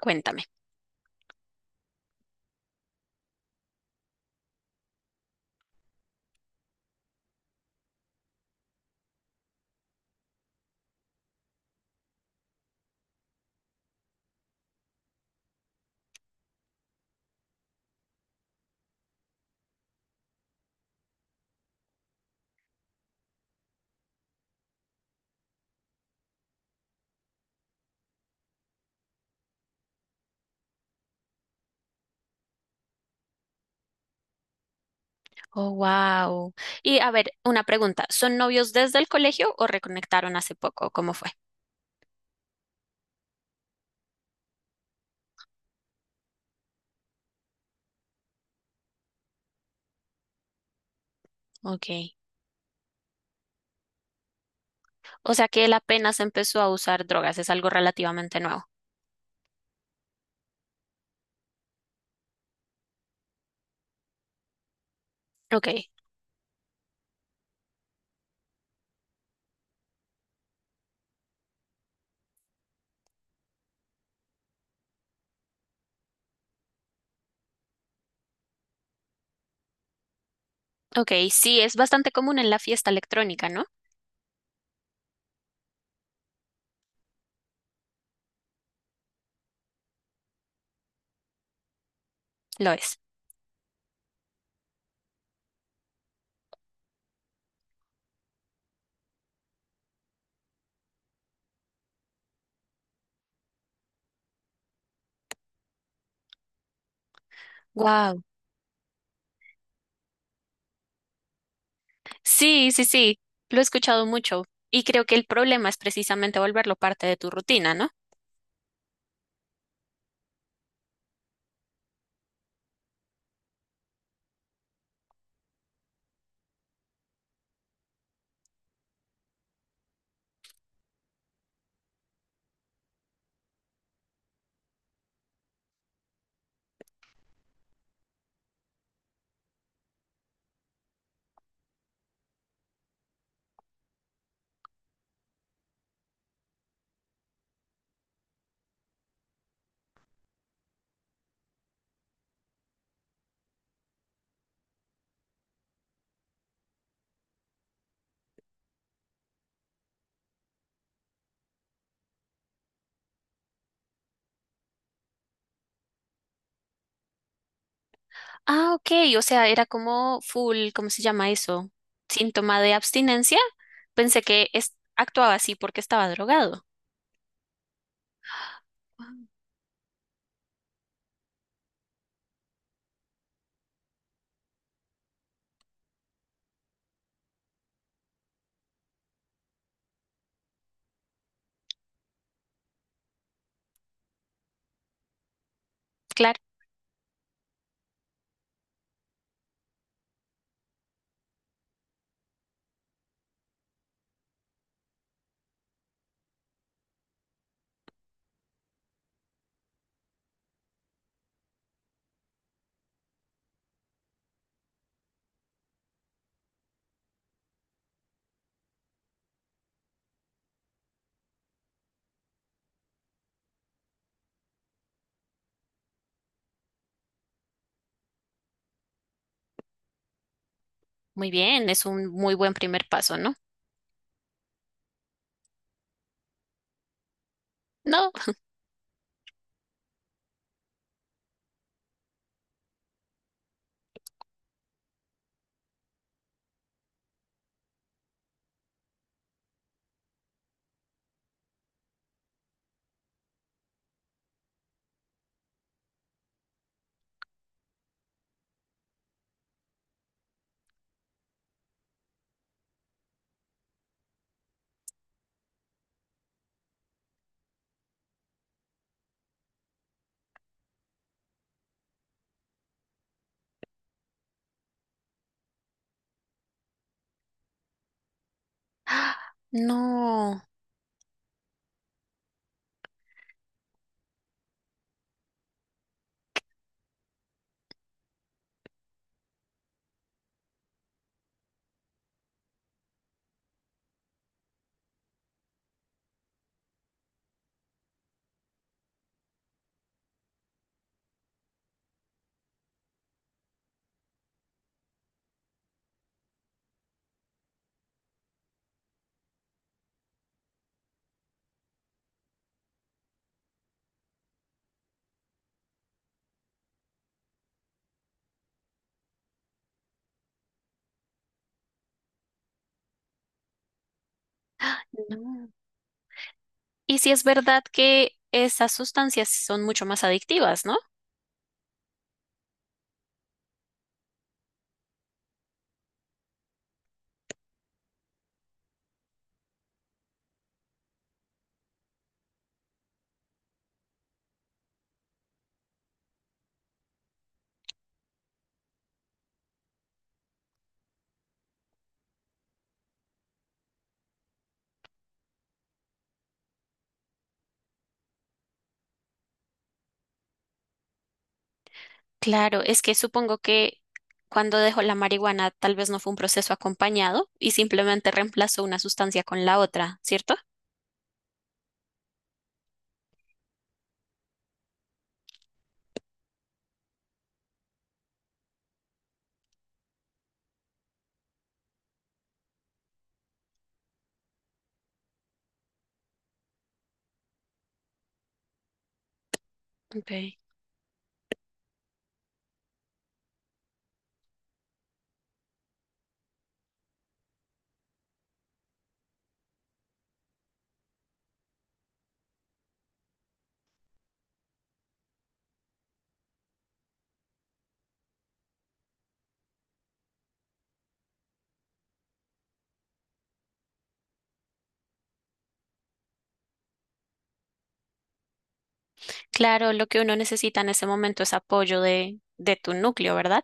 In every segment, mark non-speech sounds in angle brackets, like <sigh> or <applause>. Cuéntame. Oh, wow. Y a ver, una pregunta. ¿Son novios desde el colegio o reconectaron hace poco? ¿Cómo fue? Ok. O sea que él apenas empezó a usar drogas, es algo relativamente nuevo. Ok. Ok, sí, es bastante común en la fiesta electrónica, ¿no? Lo es. Wow. Sí, sí, sí. Lo he escuchado mucho. Y creo que el problema es precisamente volverlo parte de tu rutina, ¿no? Ah, ok, o sea, era como full, ¿cómo se llama eso? Síntoma de abstinencia. Pensé que actuaba así porque estaba drogado. Ah, claro, muy bien, es un muy buen primer paso, ¿no? No, <gasps> ah, no, no. Y si es verdad que esas sustancias son mucho más adictivas, ¿no? Claro, es que supongo que cuando dejó la marihuana tal vez no fue un proceso acompañado y simplemente reemplazó una sustancia con la otra, ¿cierto? Okay. Claro, lo que uno necesita en ese momento es apoyo de tu núcleo, ¿verdad?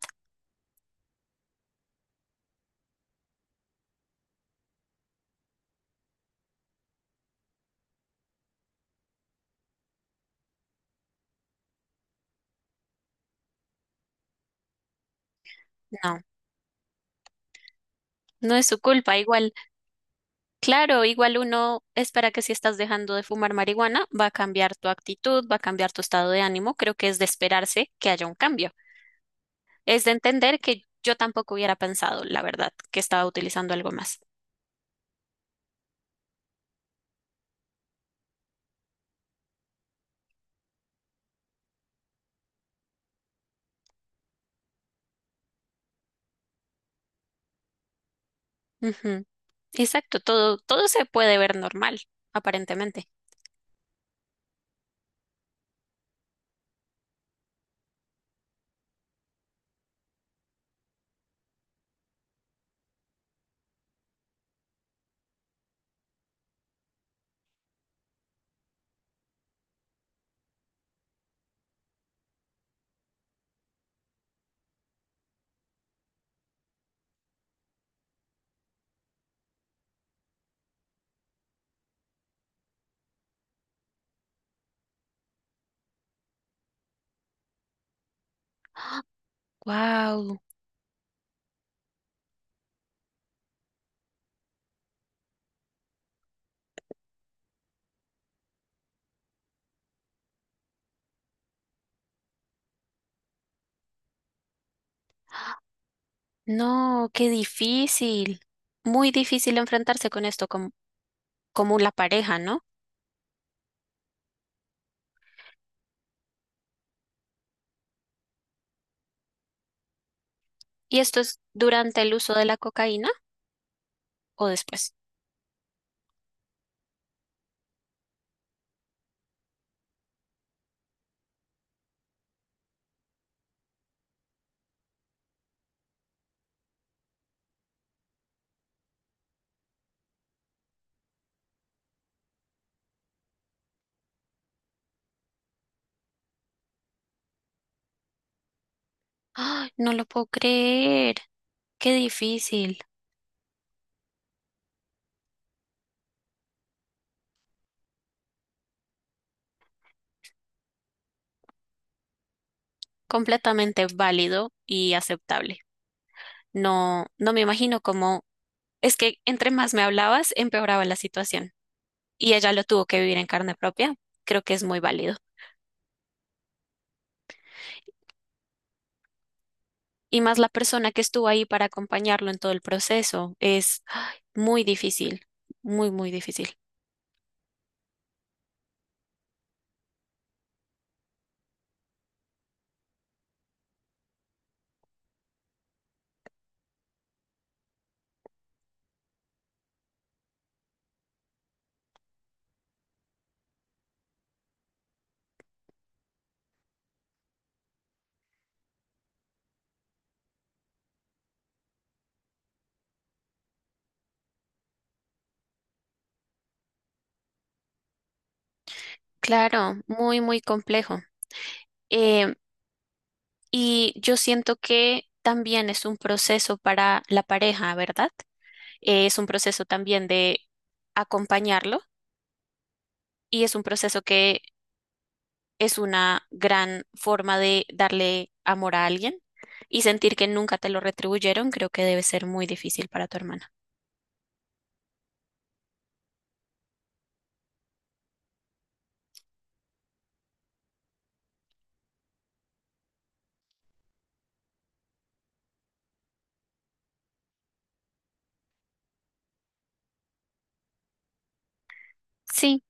No, no es su culpa. Igual claro, igual uno espera que si estás dejando de fumar marihuana, va a cambiar tu actitud, va a cambiar tu estado de ánimo. Creo que es de esperarse que haya un cambio. Es de entender que yo tampoco hubiera pensado, la verdad, que estaba utilizando algo más. Ujú. Exacto, todo, todo se puede ver normal, aparentemente. Wow, no, qué difícil. Muy difícil enfrentarse con esto como, como la pareja, ¿no? ¿Y esto es durante el uso de la cocaína o después? ¡Ay, no lo puedo creer! Qué difícil, completamente válido y aceptable. No, no me imagino cómo, es que entre más me hablabas, empeoraba la situación y ella lo tuvo que vivir en carne propia. Creo que es muy válido. Y más la persona que estuvo ahí para acompañarlo en todo el proceso es ay, muy difícil, muy, muy difícil. Claro, muy, muy complejo. Eh, y yo siento que también es un proceso para la pareja, ¿verdad? Es un proceso también de acompañarlo y es un proceso que es una gran forma de darle amor a alguien y sentir que nunca te lo retribuyeron, creo que debe ser muy difícil para tu hermana. Sí,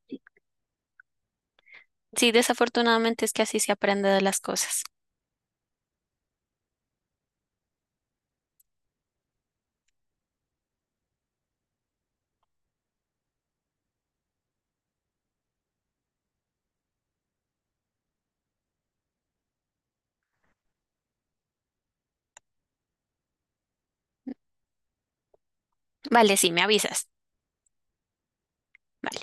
sí, desafortunadamente es que así se aprende de las cosas. Vale, sí, me avisas. Vale.